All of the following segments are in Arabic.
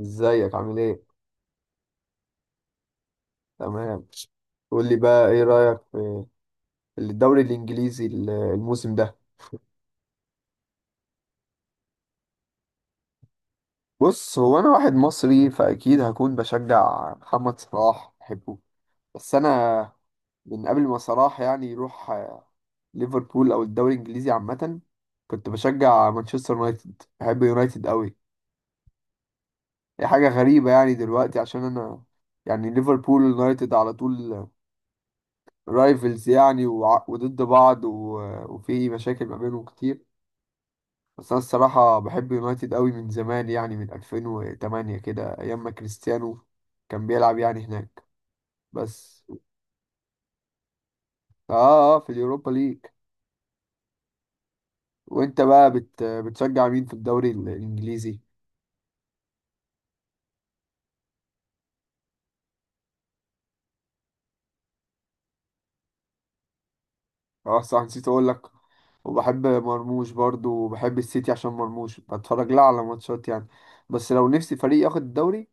ازيك عامل ايه؟ تمام. قول لي بقى ايه رأيك في الدوري الانجليزي الموسم ده؟ بص، هو انا واحد مصري فاكيد هكون بشجع محمد صلاح، بحبه. بس انا من قبل ما صلاح يعني يروح ليفربول او الدوري الانجليزي عامة، كنت بشجع مانشستر يونايتد، بحب يونايتد قوي. هي حاجة غريبة يعني دلوقتي عشان انا يعني ليفربول ويونايتد على طول رايفلز يعني وضد بعض وفي مشاكل ما بينهم كتير. بس انا الصراحه بحب يونايتد قوي من زمان يعني من 2008 كده، ايام ما كريستيانو كان بيلعب يعني هناك. بس اه في اليوروبا ليج. وانت بقى بتشجع مين في الدوري الانجليزي؟ اه صح، نسيت اقول لك، وبحب مرموش برضو وبحب السيتي عشان مرموش بتفرج لها على ماتشات يعني. بس لو نفسي فريق ياخد الدوري،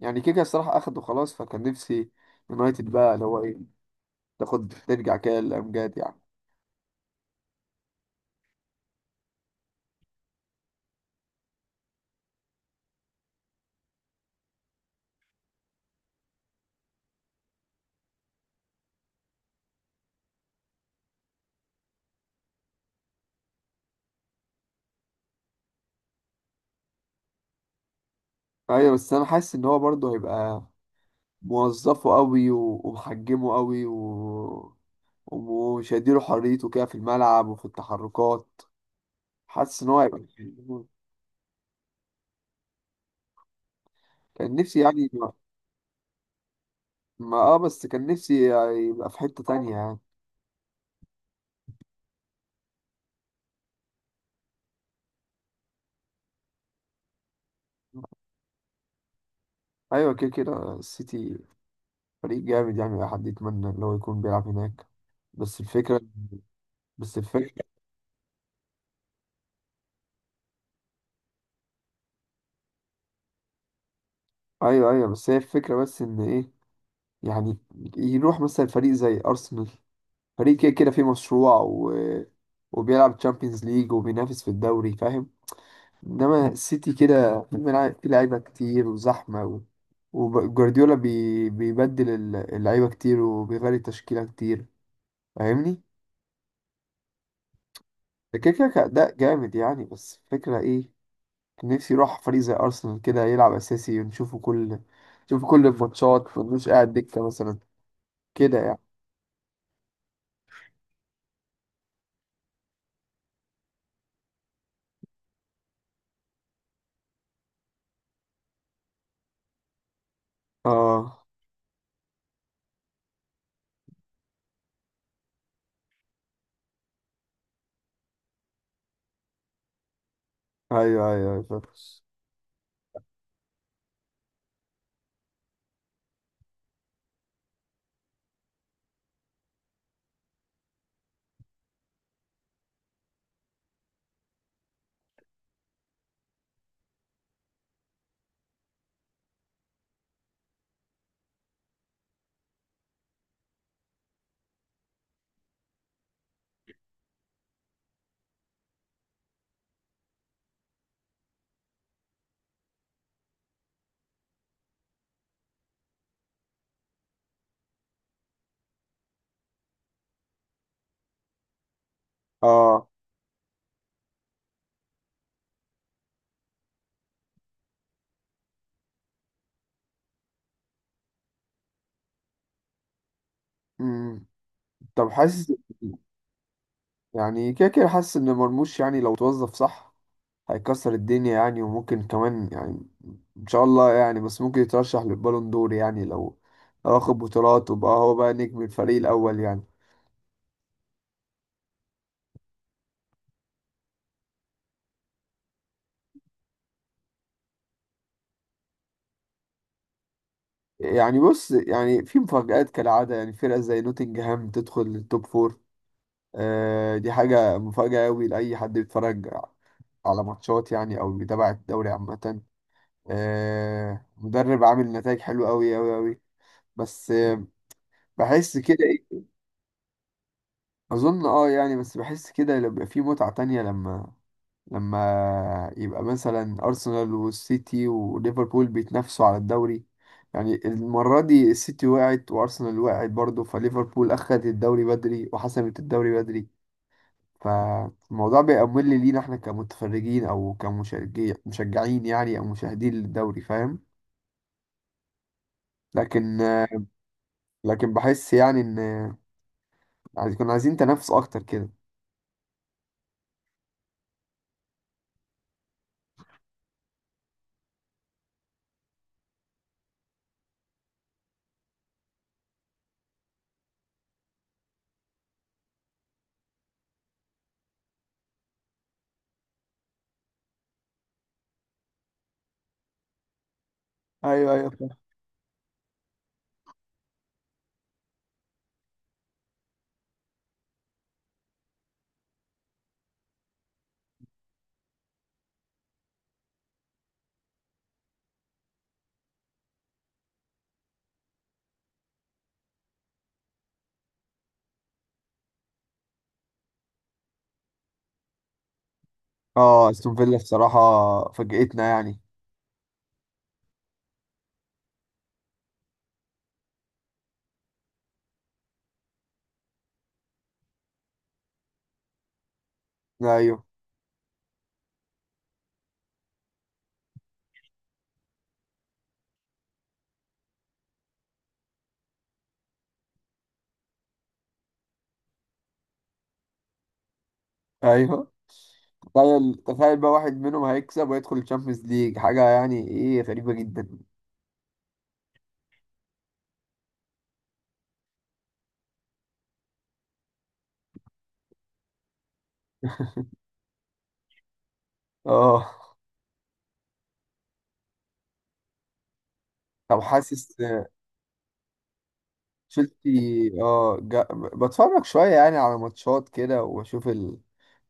يعني كيكا الصراحه اخده خلاص، فكان نفسي يونايتد بقى، اللي هو ايه، تاخد ترجع كده للامجاد يعني. ايوه بس انا حاسس ان هو برضو هيبقى موظفه قوي ومحجمه قوي ومش هيديله حريته كده في الملعب وفي التحركات. حاسس ان هو هيبقى. كان نفسي يعني ما اه بس كان نفسي يبقى في حتة تانية يعني. ايوه كده كده السيتي فريق جامد يعني، اي حد يتمنى ان هو يكون بيلعب هناك. بس الفكرة، بس الفكرة. ايوه ايوه، بس هي الفكرة بس ان ايه، يعني يروح مثلا فريق زي ارسنال، فريق كده كده فيه مشروع وبيلعب تشامبيونز ليج وبينافس في الدوري، فاهم؟ انما السيتي كده في في لعيبه كتير وزحمه وجوارديولا بيبدل اللعيبه كتير وبيغير التشكيله كتير، فاهمني؟ ده كده كده كأداء جامد يعني، بس فكرة ايه، كان نفسي يروح فريق زي ارسنال كده، يلعب اساسي ونشوفه كل، نشوفه كل الماتشات ونمش قاعد دكه مثلا كده يعني. اه، ايوه ايوه أيوة، فاهم. اه. امم طب حاسس، يعني كده كده حاسس ان مرموش يعني لو توظف صح هيكسر الدنيا يعني، وممكن كمان يعني، ان شاء الله يعني، بس ممكن يترشح للبالون دور يعني لو، لو اخد بطولات وبقى هو بقى نجم الفريق الاول يعني. يعني بص، يعني في مفاجآت كالعادة يعني، فرقة زي نوتنجهام تدخل للتوب فور، آه دي حاجة مفاجأة أوي لأي حد بيتفرج على ماتشات يعني أو بيتابع الدوري عامة. آه مدرب عامل نتائج حلوة أوي أوي أوي. بس آه بحس كده إيه، أظن أه يعني، بس بحس كده بيبقى في متعة تانية لما، لما يبقى مثلا أرسنال والسيتي وليفربول بيتنافسوا على الدوري، يعني المرة دي السيتي وقعت وأرسنال وقعت برضه، فليفربول أخدت الدوري بدري وحسمت الدوري بدري، فالموضوع بيبقى ممل لينا احنا كمتفرجين أو كمشجعين، مشجعين يعني، أو مشاهدين للدوري، فاهم؟ لكن، لكن بحس يعني إن كنا عايزين تنافس أكتر كده. ايوه ايوه، فاهم. اه، استون فيلا بصراحة فاجئتنا يعني. ايوه ايوه، تخيل تخيل بقى واحد منهم هيكسب ويدخل الشامبيونز ليج، حاجة يعني ايه غريبة جدا. اه. طب حاسس، تشيلسي اه بتفرج شوية يعني على ماتشات كده واشوف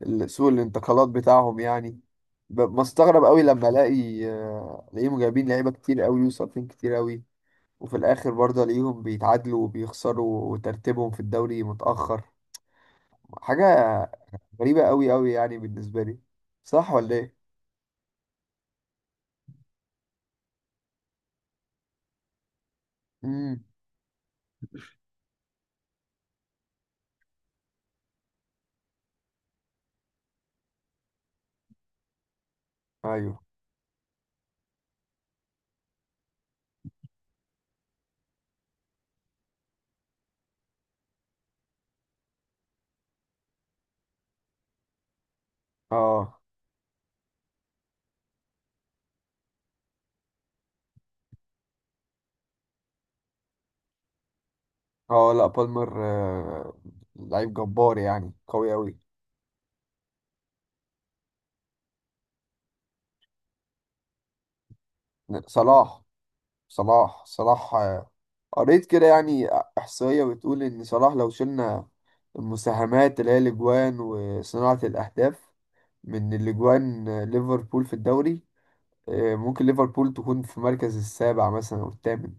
سوق الانتقالات بتاعهم يعني، بستغرب قوي لما الاقي الاقيهم جايبين لعيبة كتير قوي وصابين كتير قوي، وفي الاخر برضه الاقيهم بيتعادلوا وبيخسروا وترتيبهم في الدوري متأخر. حاجة غريبة قوي قوي يعني بالنسبة لي، صح ولا ايه؟ مم. ايوه. اه. اه لا، بالمر لعيب جبار يعني قوي قوي. صلاح، صلاح آه، قريت كده يعني احصائيه بتقول ان صلاح لو شلنا المساهمات اللي هي الاجوان وصناعه الاهداف، من الاجوان آه، ليفربول في الدوري آه، ممكن ليفربول تكون في مركز السابع مثلا او الثامن.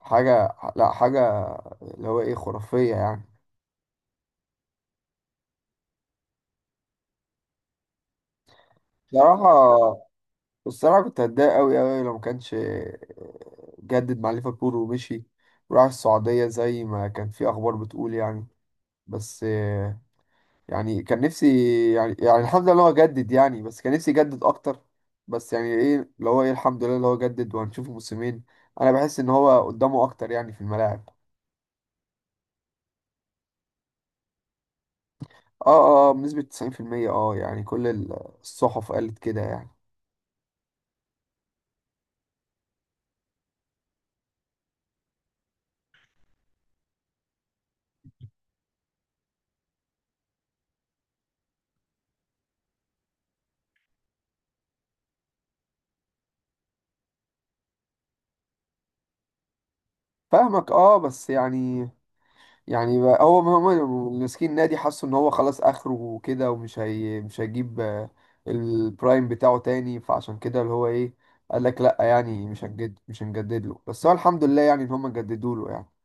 حاجه، لا حاجه اللي هو ايه خرافيه يعني. بصراحه، الصراحة كنت هتضايق أوي أوي أوي لو ما كانش جدد مع ليفربول ومشي وراح السعودية زي ما كان في أخبار بتقول يعني. بس يعني كان نفسي يعني، يعني الحمد لله إن هو جدد يعني، بس كان نفسي يجدد أكتر. بس يعني إيه اللي هو إيه، الحمد لله اللي هو جدد وهنشوفه موسمين. أنا بحس إن هو قدامه أكتر يعني في الملاعب. أه أه آه، بنسبة 90%، أه يعني كل الصحف قالت كده يعني. فاهمك، أه بس يعني، يعني بقى هو هم ماسكين نادي حسوا ان هو خلاص اخره وكده، ومش هي مش هيجيب آه، البرايم بتاعه تاني، فعشان كده اللي هو ايه قال لك لا يعني، مش هنجد مش هنجدد له، بس هو الحمد لله يعني ان هم جددوا له يعني.